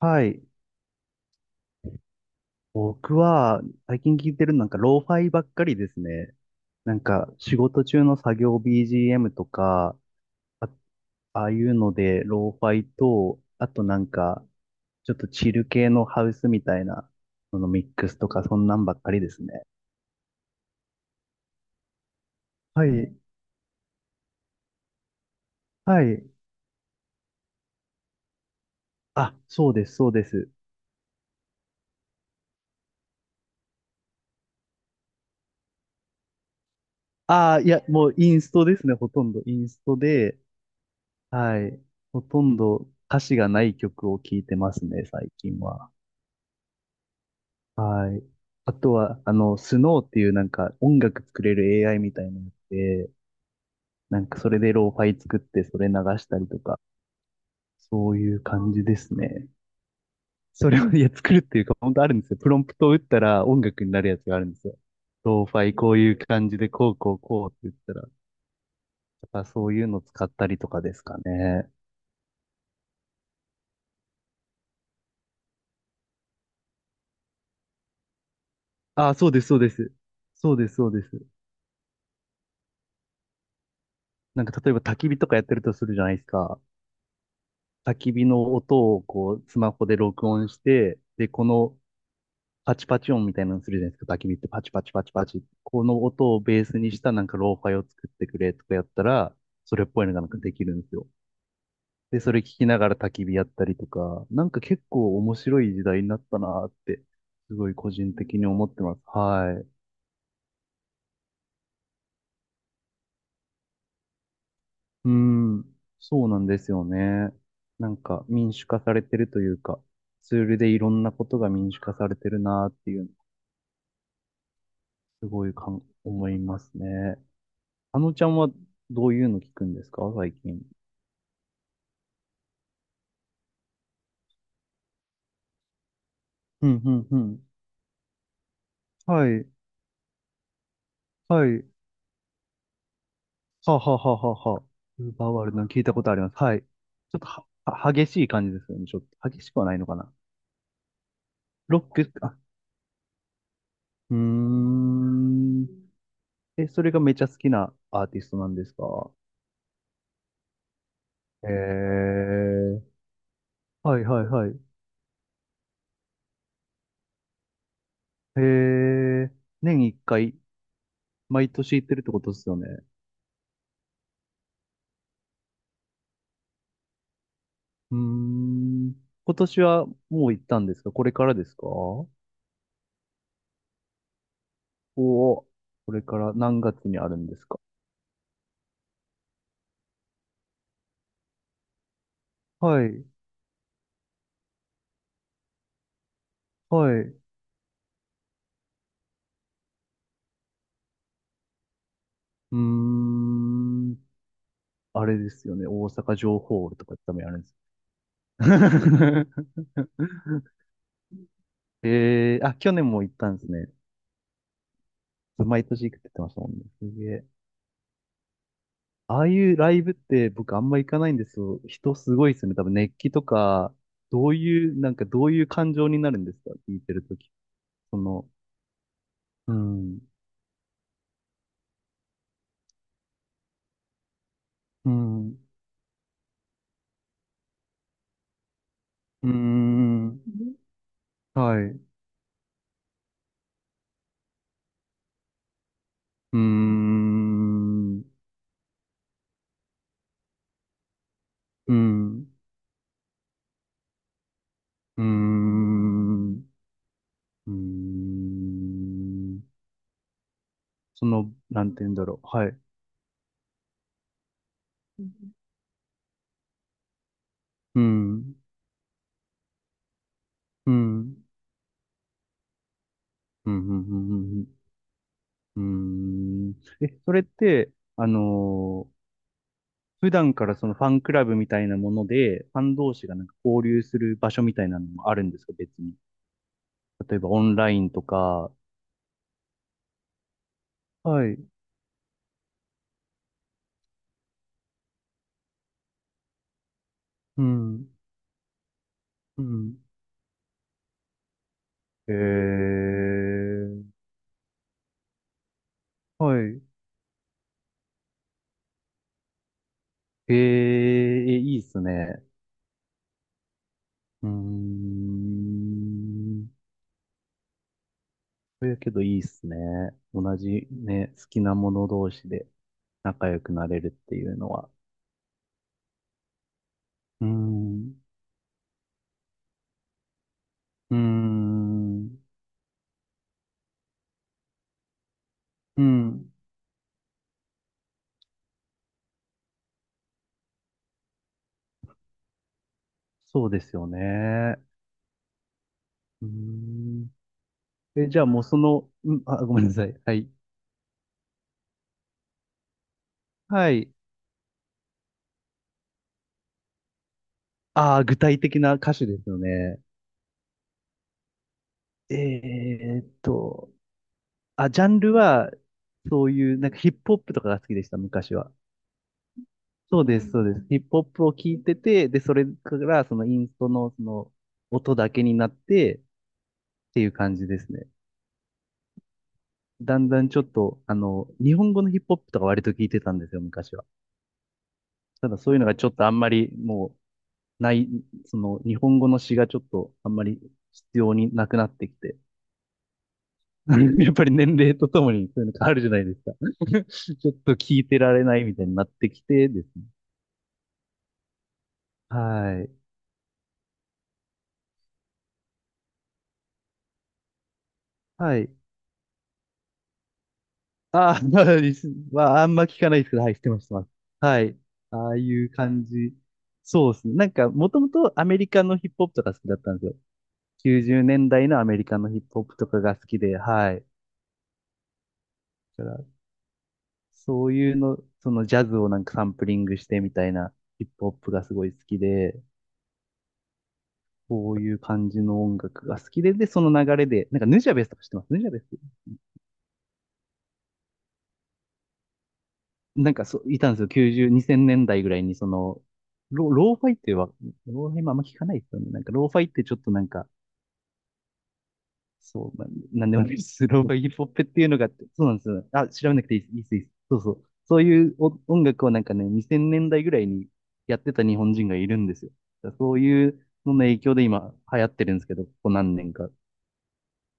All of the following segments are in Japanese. はい。僕は、最近聞いてるのなんか、ローファイばっかりですね。なんか、仕事中の作業 BGM とか、あ、ああいうので、ローファイと、あとなんか、ちょっとチル系のハウスみたいな、そのミックスとか、そんなんばっかりですね。はい。はい。あ、そうです、そうです。ああ、いや、もうインストですね、ほとんど。インストで、はい。ほとんど歌詞がない曲を聴いてますね、最近は。はい。あとは、あの、スノーっていうなんか音楽作れる AI みたいなやつで、なんかそれでローファイ作ってそれ流したりとか、そういう感じですね。それを、いや、作るっていうか、本当あるんですよ。プロンプトを打ったら音楽になるやつがあるんですよ。ローファイこういう感じでこうこうこうって言ったら、とかそういうの使ったりとかですかね。ああ、そうです、そうです。そうです、そうです。なんか例えば焚き火とかやってるとするじゃないですか。焚き火の音をこう、スマホで録音して、で、このパチパチ音みたいなのするじゃないですか。焚き火ってパチパチパチパチ。この音をベースにしたなんかローファイを作ってくれとかやったら、それっぽいのがなんかできるんですよ。で、それ聞きながら焚き火やったりとか、なんか結構面白い時代になったなーって、すごい個人的に思ってます。はい。うん。そうなんですよね。なんか民主化されてるというか、ツールでいろんなことが民主化されてるなーっていうすごいかん、思いますね。あのちゃんはどういうの聞くんですか最近。うん、うん、うん。はい、はい。はあはあはあはあはあ。ウーバーワールドの聞いたことあります。はい。ちょっとは激しい感じですよね。ちょっと、激しくはないのかな。ロック、あ、うーん。え、それがめちゃ好きなアーティストなんですか？へえ。はいはいはい。へえ。年一回、毎年行ってるってことですよね。うーん。今年はもう行ったんですかこれからですか？おお、これから何月にあるんですか？はい、はい。うーん。あれですよね。大阪城ホールとか多分やるんです。えー、あ、去年も行ったんですね。毎年行くって言ってましたもんね。すげえ。ああいうライブって僕あんま行かないんですよ。人すごいですよね。多分熱気とか、どういう、なんかどういう感情になるんですか聞いてるとき。その、うん、うん。うーん。はい。うーん。うーん。うーん。うーんその、なんて言うんだろう。はい。うん。うん。うん。うん。うん。うんえ、それって、あのー普段からそのファンクラブみたいなもので、ファン同士がなんか交流する場所みたいなのもあるんですか、別に。例えばオンラインとか。はい。うん。うん。えー、はい。えーえ、いいっすね。うーん。そやけどいいっすね。同じね、好きなもの同士で仲良くなれるっていうのは。うーん。うーん。うん。そうですよね。うーん。え、じゃあもうその、うん、あ、ごめんなさい。はい。はい。ああ、具体的な歌手ですよね。えーっと、あ、ジャンルは、そういう、なんかヒップホップとかが好きでした、昔は。そうです、そうです。ヒップホップを聞いてて、で、それから、そのインストの、その、音だけになって、っていう感じですね。だんだんちょっと、あの、日本語のヒップホップとか割と聞いてたんですよ、昔は。ただそういうのがちょっとあんまり、もう、ない、その、日本語の詩がちょっと、あんまり必要になくなってきて。やっぱり年齢とともにそういうの変わるじゃないですか。ちょっと聞いてられないみたいになってきてですねはい。はい。あー、まあ、あんま聞かないですけど、はい、知ってます、知ってます。はい。ああいう感じ。そうですね。なんか、もともとアメリカのヒップホップとか好きだったんですよ。90年代のアメリカのヒップホップとかが好きで、はい。だから、そういうの、そのジャズをなんかサンプリングしてみたいなヒップホップがすごい好きで、こういう感じの音楽が好きで、で、その流れで、なんかヌジャベスとか知ってますヌジャベス？なんかそう、いたんですよ。90、2000年代ぐらいに、その、ローファイっては、ローファイもあんま聞かないですよね。なんか、ローファイってちょっとなんか、そう、な、なんでもないです。ローファイヒップホップっていうのがあって、そうなんですよ。あ、調べなくていいです、いいです、いいです。そうそう。そういうお音楽をなんかね、2000年代ぐらいにやってた日本人がいるんですよ。だからそういうのの影響で今流行ってるんですけど、ここ何年か。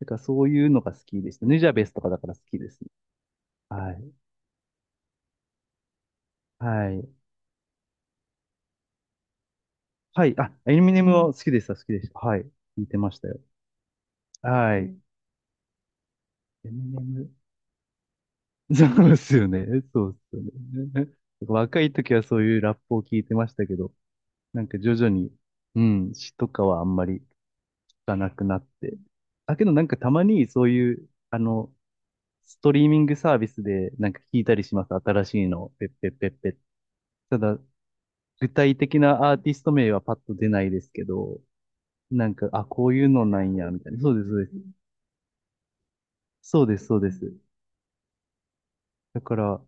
だからそういうのが好きでした。ヌジャベスとかだから好きですね。はい。はい。はい。あ、エミネムは好きでした、好きでした。はい。聞いてましたよ。はい。エミネム。そうですよね。そうですよね。若い時はそういうラップを聞いてましたけど、なんか徐々に、うん、詩とかはあんまり聞かなくなって。だけどなんかたまにそういう、あの、ストリーミングサービスでなんか聞いたりします。新しいの。ペッペッペッペッ。ただ、具体的なアーティスト名はパッと出ないですけど、なんか、あ、こういうのなんや、みたいな。そうです、そうです。そうです、そうです。だから、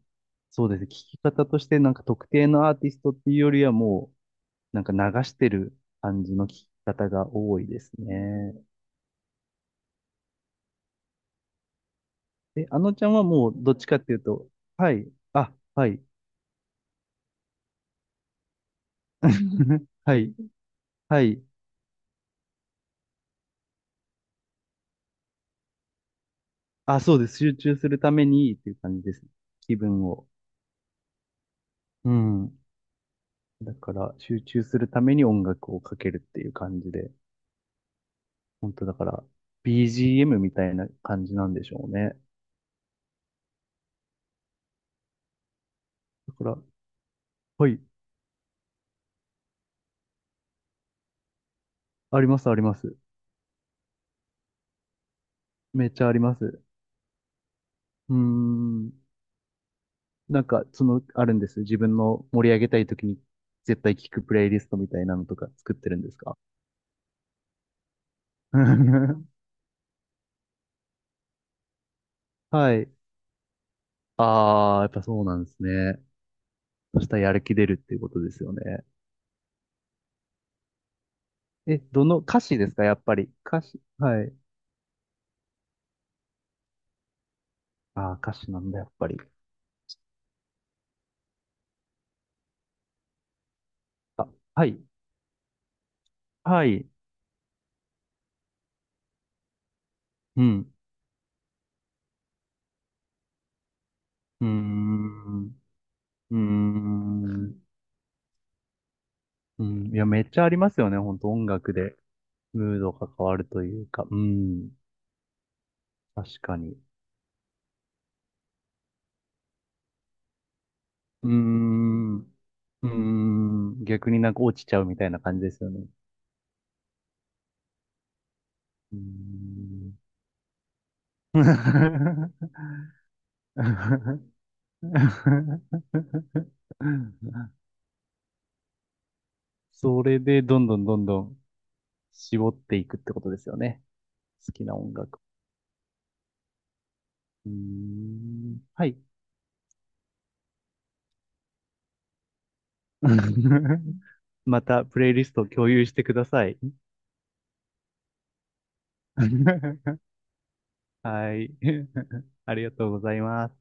そうですね。聞き方としてなんか特定のアーティストっていうよりはもう、なんか流してる感じの聞き方が多いですね。え、あのちゃんはもうどっちかっていうと、はい、あ、はい、はい、はい、あ、そうです。集中するためにっていう感じです。気分を。うん。だから、集中するために音楽をかけるっていう感じで、本当だから、BGM みたいな感じなんでしょうね。だから、はい、あります、あります。めっちゃあります。うーん。なんか、その、あるんです。自分の盛り上げたい時に絶対聞くプレイリストみたいなのとか作ってるんですか？ はい。あー、やっぱそうなんですね。そしたらやる気出るっていうことですよね。え、どの、歌詞ですかやっぱり？歌詞。はい。あー、歌詞なんだ、やっぱり。あ、はい。はい。うん。うーん。うーん。うん。いや、めっちゃありますよね。ほんと音楽で。ムードが変わるというか。うん。確かに。うーん。うーん。逆になんか落ちちゃうみたいな感じですよね。うーん。それでどんどんどんどん絞っていくってことですよね。好きな音楽。うーん。はい。またプレイリストを共有してください。はい。ありがとうございます。